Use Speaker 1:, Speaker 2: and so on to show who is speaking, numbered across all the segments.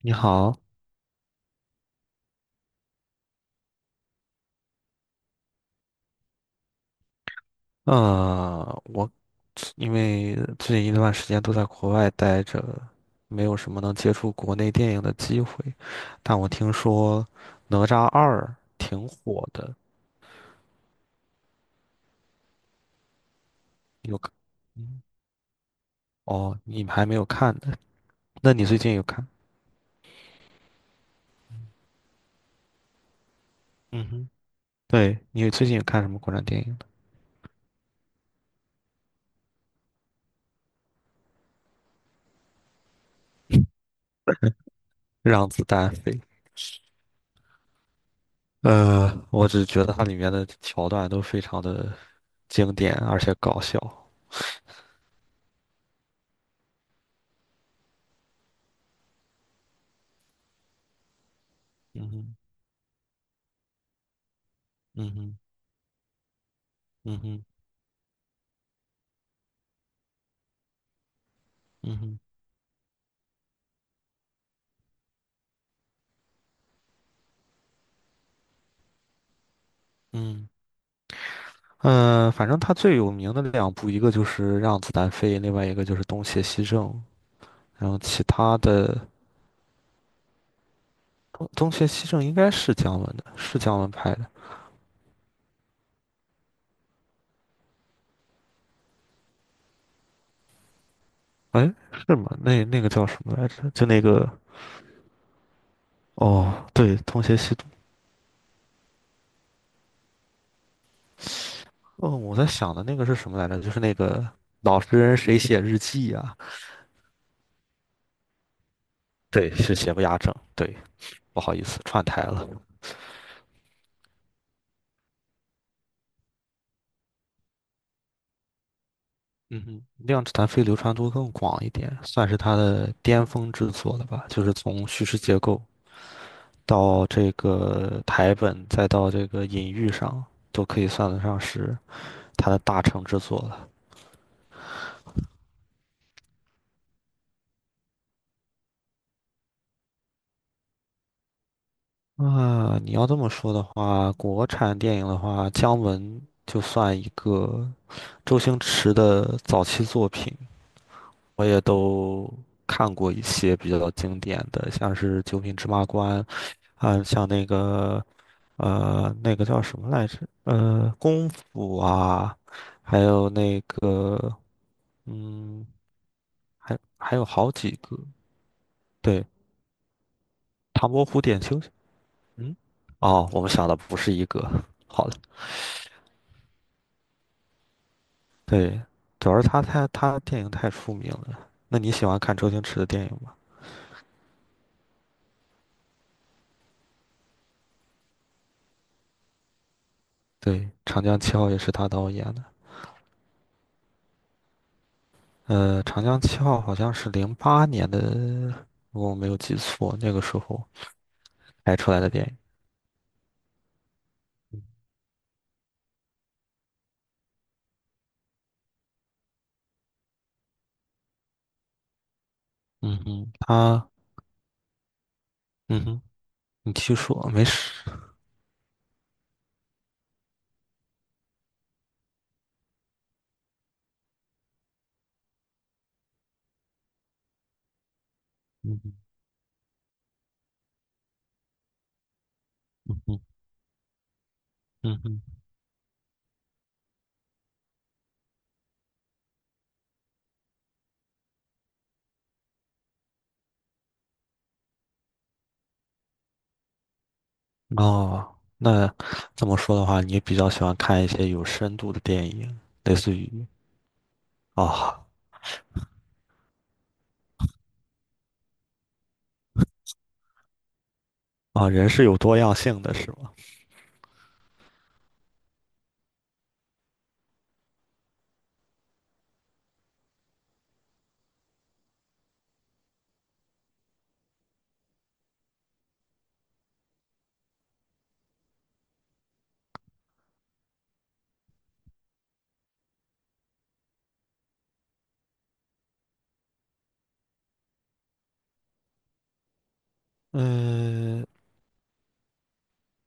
Speaker 1: 你好，呃，我因为最近一段时间都在国外待着，没有什么能接触国内电影的机会，但我听说《哪吒二》挺火的，你有看？嗯哦，你还没有看呢？那你最近有看？嗯哼，对，你最近有看什么国产电影呢让子弹飞》。我只觉得它里面的桥段都非常的经典，而且搞笑。嗯哼，嗯哼，嗯哼，嗯哼。嗯，反正他最有名的两部，一个就是《让子弹飞》，另外一个就是《东邪西正》。然后其他的哦东邪西正》应该是姜文的，是姜文拍的。哎，是吗？那那个叫什么来着？就那个哦，对，《东邪西毒》。哦，我在想的那个是什么来着？就是那个老实人谁写日记呀、对，是邪不压正。对，不好意思，串台了。嗯哼，《量子弹飞》流传度更广一点，算是他的巅峰之作了吧？就是从叙事结构。到这个台本，再到这个隐喻上，都可以算得上是他的大成之作了。啊，你要这么说的话，国产电影的话，姜文就算一个周星驰的早期作品，我也都看过一些比较经典的，像是《九品芝麻官》啊，像那个那个叫什么来着？功夫啊，还有那个嗯。还有好几个，对，唐伯虎点秋香，嗯，哦，我们想的不是一个，好了，对，主要是他电影太出名了。那你喜欢看周星驰的电影吗？对，《长江七号》也是他导演的。《长江七号》好像是08年的，如果我没有记错，那个时候拍出来的电影。嗯哼，嗯哼，你继续说，没事。嗯哼，嗯哼，嗯哼。哦，那这么说的话，你比较喜欢看一些有深度的电影，类似于哦，啊，人是有多样性的，是吗？呃，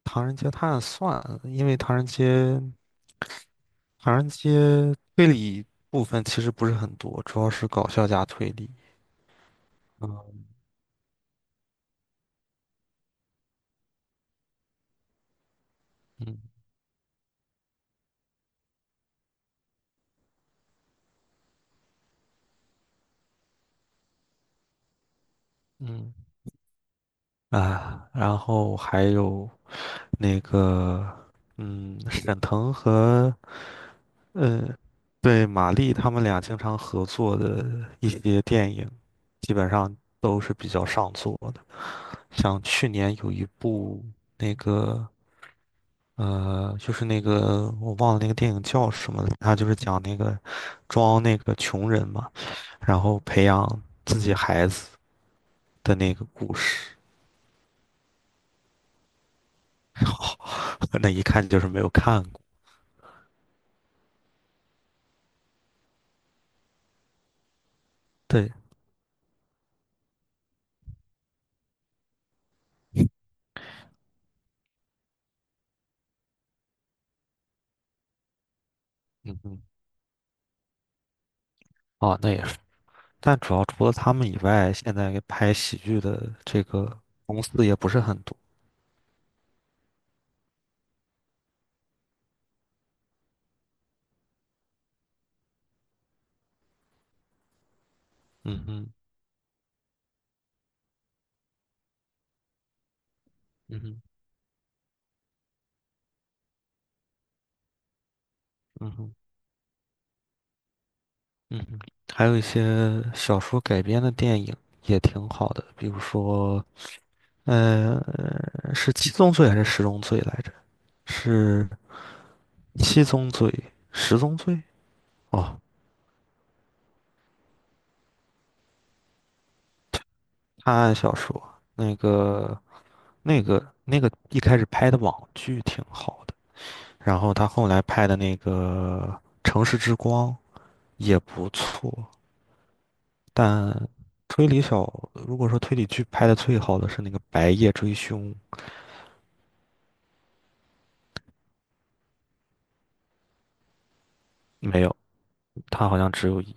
Speaker 1: 《唐人街探案》算，因为《唐人街》推理部分其实不是很多，主要是搞笑加推理。嗯嗯嗯啊，然后还有那个嗯，沈腾和呃，对，马丽他们俩经常合作的一些电影，基本上都是比较上座的。像去年有一部那个就是那个我忘了那个电影叫什么了，他就是讲那个装那个穷人嘛，然后培养自己孩子的那个故事，那一看就是没有看过。对，嗯嗯，哦，那也是。但主要除了他们以外，现在拍喜剧的这个公司也不是很多。嗯哼，嗯哼，嗯哼，嗯哼，还有一些小说改编的电影也挺好的，比如说，呃，是七宗罪还是十宗罪来着？是七宗罪、十宗罪？哦，探案小说，那个、那个一开始拍的网剧挺好的，然后他后来拍的那个《城市之光》也不错，但推理小，如果说推理剧拍的最好的是那个《白夜追凶》，没有，它好像只有一。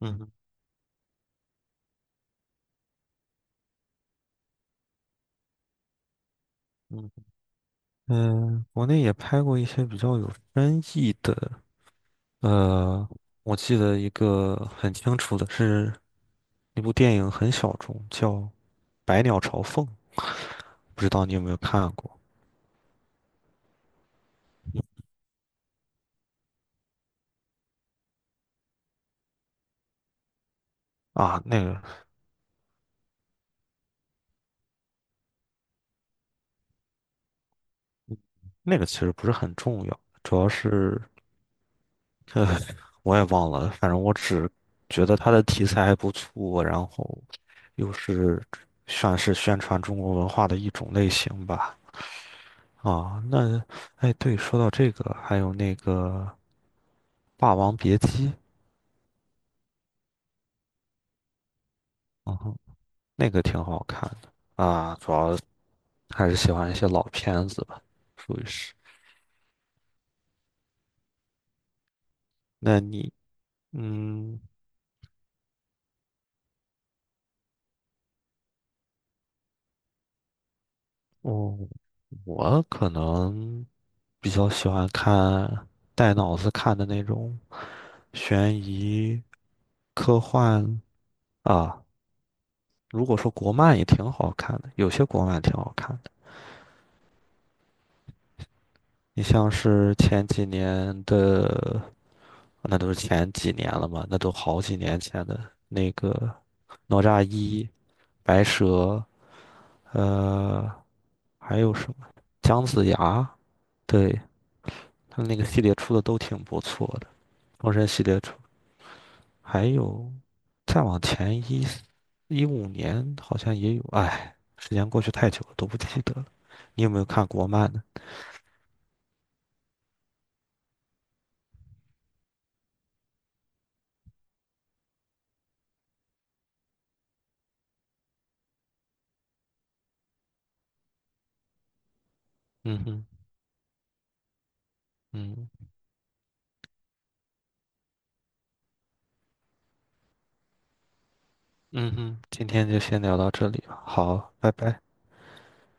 Speaker 1: 嗯哼嗯哼嗯，国内也拍过一些比较有深意的，呃，我记得一个很清楚的是那部电影很小众，叫《百鸟朝凤》，不知道你有没有看过啊？那个其实不是很重要，主要是。我也忘了，反正我只觉得它的题材还不错，然后又是算是宣传中国文化的一种类型吧。啊，那，哎，对，说到这个，还有那个《霸王别姬》，嗯哼那个挺好看的啊，主要还是喜欢一些老片子吧，属于是。那你，嗯。哦，我可能比较喜欢看带脑子看的那种悬疑、科幻啊。如果说国漫也挺好看的，有些国漫挺好看的。你像是前几年的，那都是前几年了嘛，那都好几年前的那个《哪吒一》、《白蛇》，呃，还有什么《姜子牙》？对，他那个系列出的都挺不错的，《封神》系列出，还有再往前五年好像也有，哎，时间过去太久了，都不记得了。你有没有看国漫呢？嗯哼，嗯嗯哼，今天就先聊到这里吧，好，拜拜。